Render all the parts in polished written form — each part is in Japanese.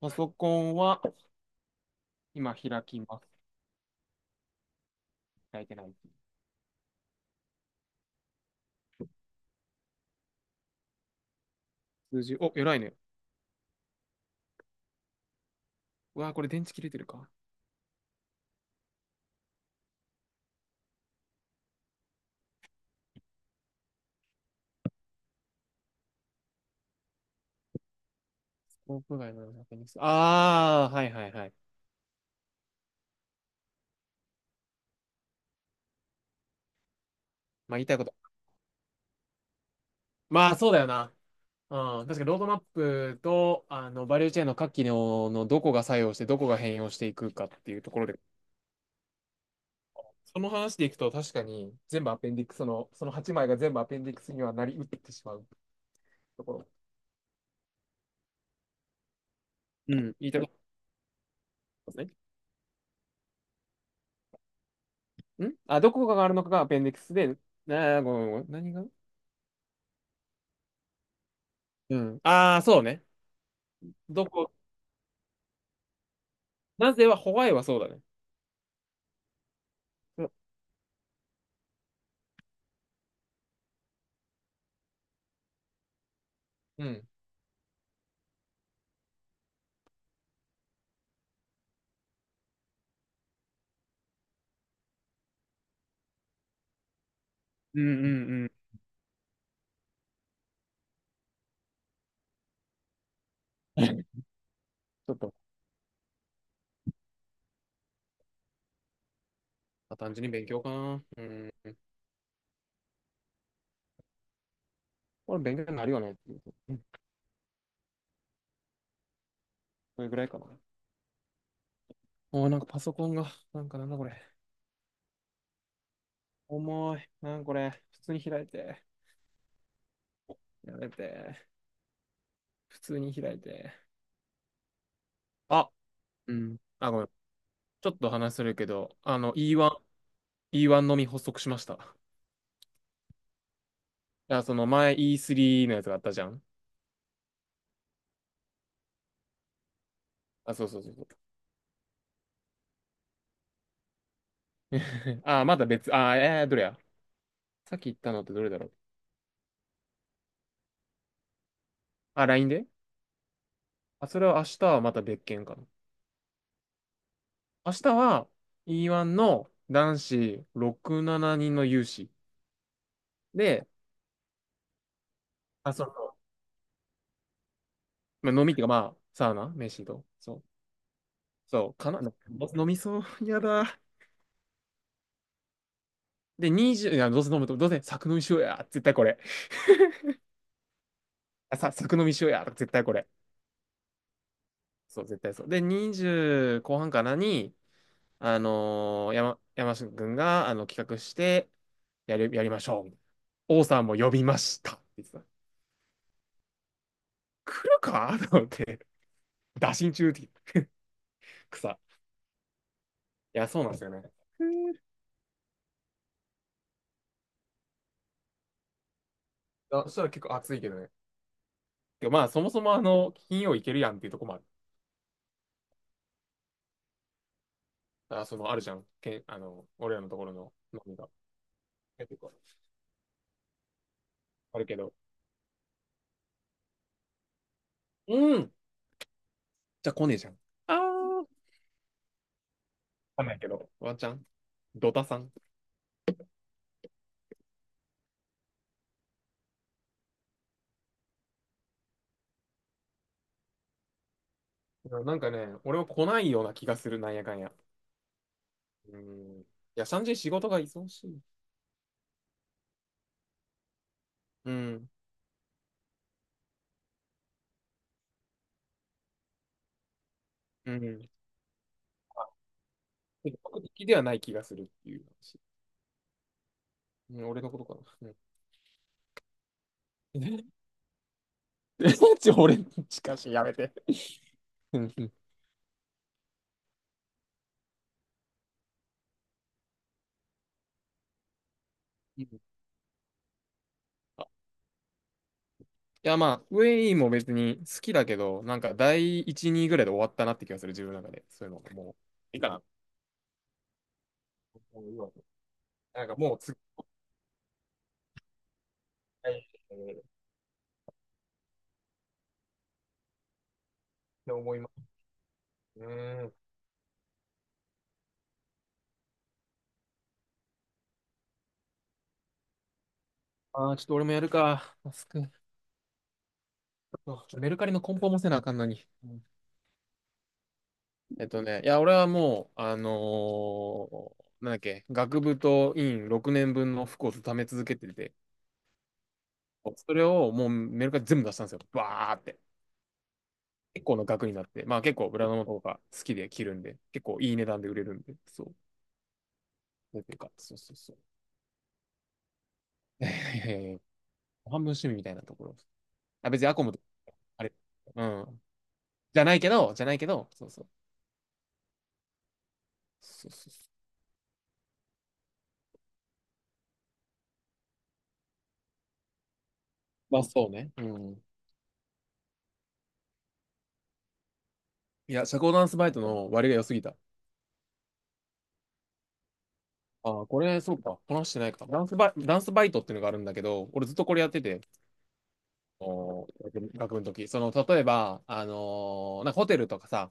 パソコンは今開きます。開いてない。数字、お、偉いね。うわー、これ電池切れてるか。スコープ外の確認。ああ、はいはいはい。まあ言いたいこと。まあそうだよな。うん、確かにロードマップとバリューチェーンの各機能のどこが作用してどこが変容していくかっていうところで、その話でいくと確かに全部アペンディックスの、その8枚が全部アペンディックスにはなりうってしまうところ。うん、言いたいことですね。どこがあるのかがアペンディックスで、なあ、ごめんごめん、何が。うん。ああ、そうね。どこ、なぜはホワイはそうだね。うんうん。うんうんうん。ちょっと、まあ単純に勉強かな。うん。これ勉強になるよねっていう。うん。それぐらいかな。おー、なんかパソコンが、なんかなんだこれ。重い。なんこれ。普通に開いて。やめて。普通に開いて。あ、うん。あ、ごめん。ちょっと話するけど、E1 のみ発足しました。いや、その前 E3 のやつがあったじゃん。あ、そうそうそうそう。あ、まだ別、あ、どれや。さっき言ったのってどれだろう。あ、LINE で、あ、それは明日はまた別件かな。明日は E1 の男子6、7人の有志で、あ、そうそう、まあ、飲みっていうかまあ、サウナ、飯と。そう。そう、かな、どうせ飲みそう、やだ。で、20、いや、どうせ飲むと、どうせ作飲みしようや、絶対これ。作飲みしようや、絶対これ。そう、絶対そう。で、20後半かなに、山下くんが、企画して、やりましょう。王さんも呼びました、って言ってた。来るかと思って、打診中って草。いや、そうなんですよね。あ、そしたら結構暑いけどね。でまあ、そもそも金曜行けるやんっていうとこもある。あ、その、あるじゃん。けんあの、俺らのところの飲みが。あるけど。うん。じゃあ来ねえじゃん。あー。わかんないけど。ワンちゃん、ドタさん。なんかね、俺は来ないような気がする、なんやかんや。うん。いや、シャンジー仕事が忙しい。うん。うん。積的ではない気がするっていう話。うん、俺のことかな。うん。 俺に近しい、やめて。うんうん。いや、まあ、ウェイも別に好きだけど、なんか第1、2ぐらいで終わったなって気がする、自分の中で。そういうの、もう、いいかな。なんかもう次、はいって思います。うーん。ああ、ちょっと俺もやるか。マスク。ちょっとメルカリの梱包もせなあかんのに。うん。いや、俺はもう、なんだっけ、学部と院6年分の服を貯め続けてて、それをもうメルカリ全部出したんですよ。バーって。結構の額になって、まあ結構ブランドの方が好きで着るんで、結構いい値段で売れるんで、そう。なんていうか、そうそうそう。いやいやいやいや、半分趣味みたいなところ。あ、別にアコムと、あれ、うん。じゃないけど、じゃないけど、そうそう。そうそうそう。まあそうね。うん。いや、社交ダンスバイトの割が良すぎた。ああ、これ、そうか、こなしてないか。ダンスバイトっていうのがあるんだけど、俺ずっとこれやってて、学部の時。その、例えば、なんかホテルとかさ、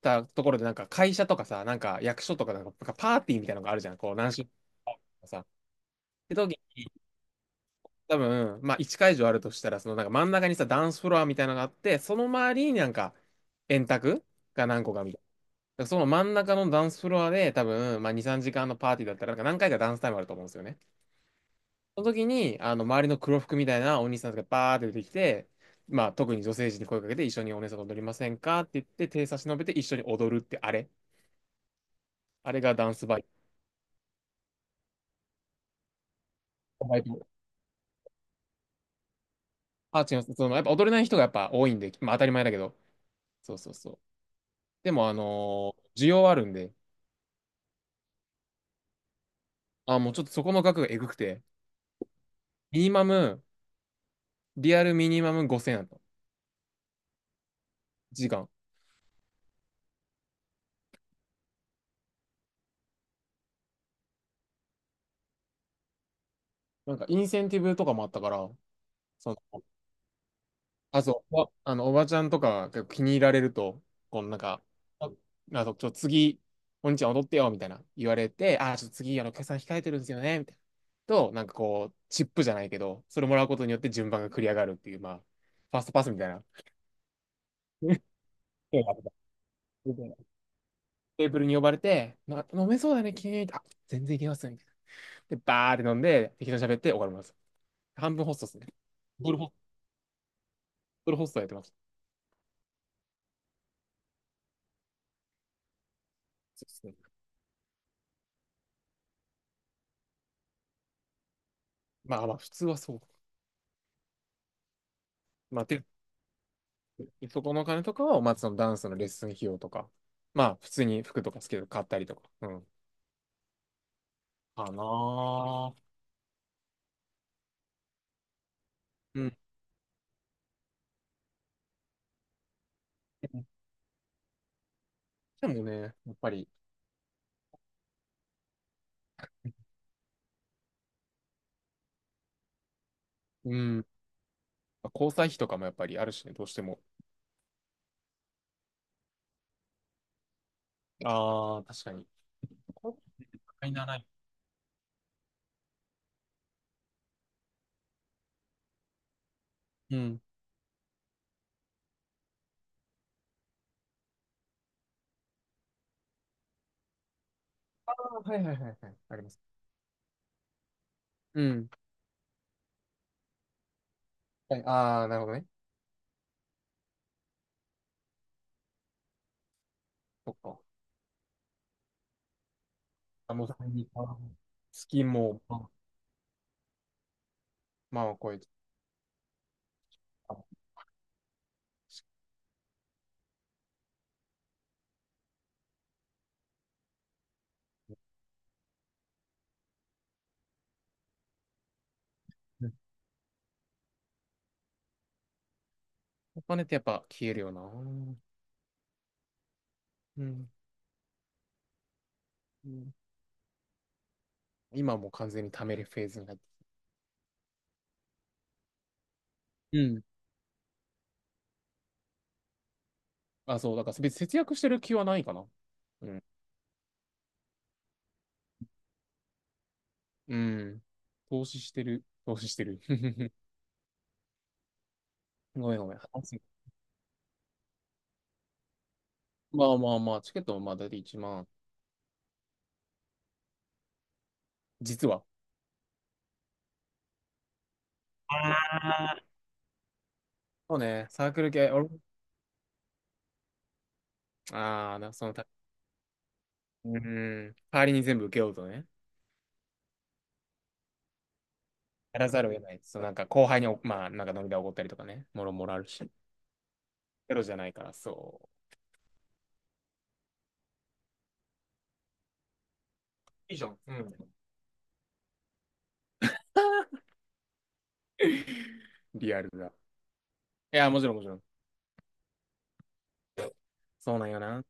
たところで、なんか会社とかさ、なんか役所とかなんか、なんかパーティーみたいなのがあるじゃん。こう、何種類かさ。で、時に、多分、まあ、1会場あるとしたら、そのなんか真ん中にさ、ダンスフロアみたいなのがあって、その周りになんか、円卓が何個かみたいな。だからその真ん中のダンスフロアで、多分、まあ、2、3時間のパーティーだったら、なんか何回かダンスタイムあると思うんですよね。その時に、周りの黒服みたいなお兄さんがバーって出てきて、まあ、特に女性陣に声かけて、一緒にお姉さんと踊りませんかって言って、手差し伸べて一緒に踊るってあれ。あれがダンスバイト。あ、違います。その、やっぱ踊れない人がやっぱ多いんで、まあ当たり前だけど。そうそうそう。でも、需要あるんで、あ、もうちょっとそこの額がえぐくて、ミニマム、リアルミニマム5000円だった。時間。なんかインセンティブとかもあったから、その、あ、そう、おばちゃんとかが結構気に入られると、このなんか、あ、あそうちょ、次、お兄ちゃん踊ってよ、みたいな言われて、あ、ちょっと次、決算控えてるんですよね、みたいな。と、なんかこう、チップじゃないけど、それもらうことによって順番が繰り上がるっていう、まあ、ファーストパスみたいな。テーブルに呼ばれて、飲めそうだね、君。あ、全然いけますね。で、バーって飲んで、適当に喋って終わります。半分ホストですね。ドルホドルホストやってます。そうですね。まあまあ、普通はそう。まあ、そこのお金とかは、まあ、そのダンスのレッスン費用とか、まあ、普通に服とかスケート買ったりとか、うん。かなあ。うん。でもね、やっぱり、うん。まあ交際費とかもやっぱりあるしね、どうしても。ああ、確かに。こういうの買いならない。うん。ああ、はいはいはいはい。あります。うん。はい、ああ、なるほどね。そっか。あ、もう、スキンも、まあ、超えて。あ、お金ってやっぱ消えるよな。うん。うん。今もう完全に貯めるフェーズになって。うん。あ、そう、だから別に節約してる気はないかな。うん。うん。投資してる。投資してる。ごめんごめん。まあまあまあ、チケットもまあ大体1万。実は。ああ。そうね、サークル系、俺、ああ、なそのた、うん。代わりに全部受けようとね。やらざるを得ないです。そうなんか後輩にお、まあ、なんか飲み代おごったりとかね、もろもろあるし、ゼロじゃないから、そう。いいじゃん。うん。リアルだ。いや、もちろんもちろん。そうなんよな。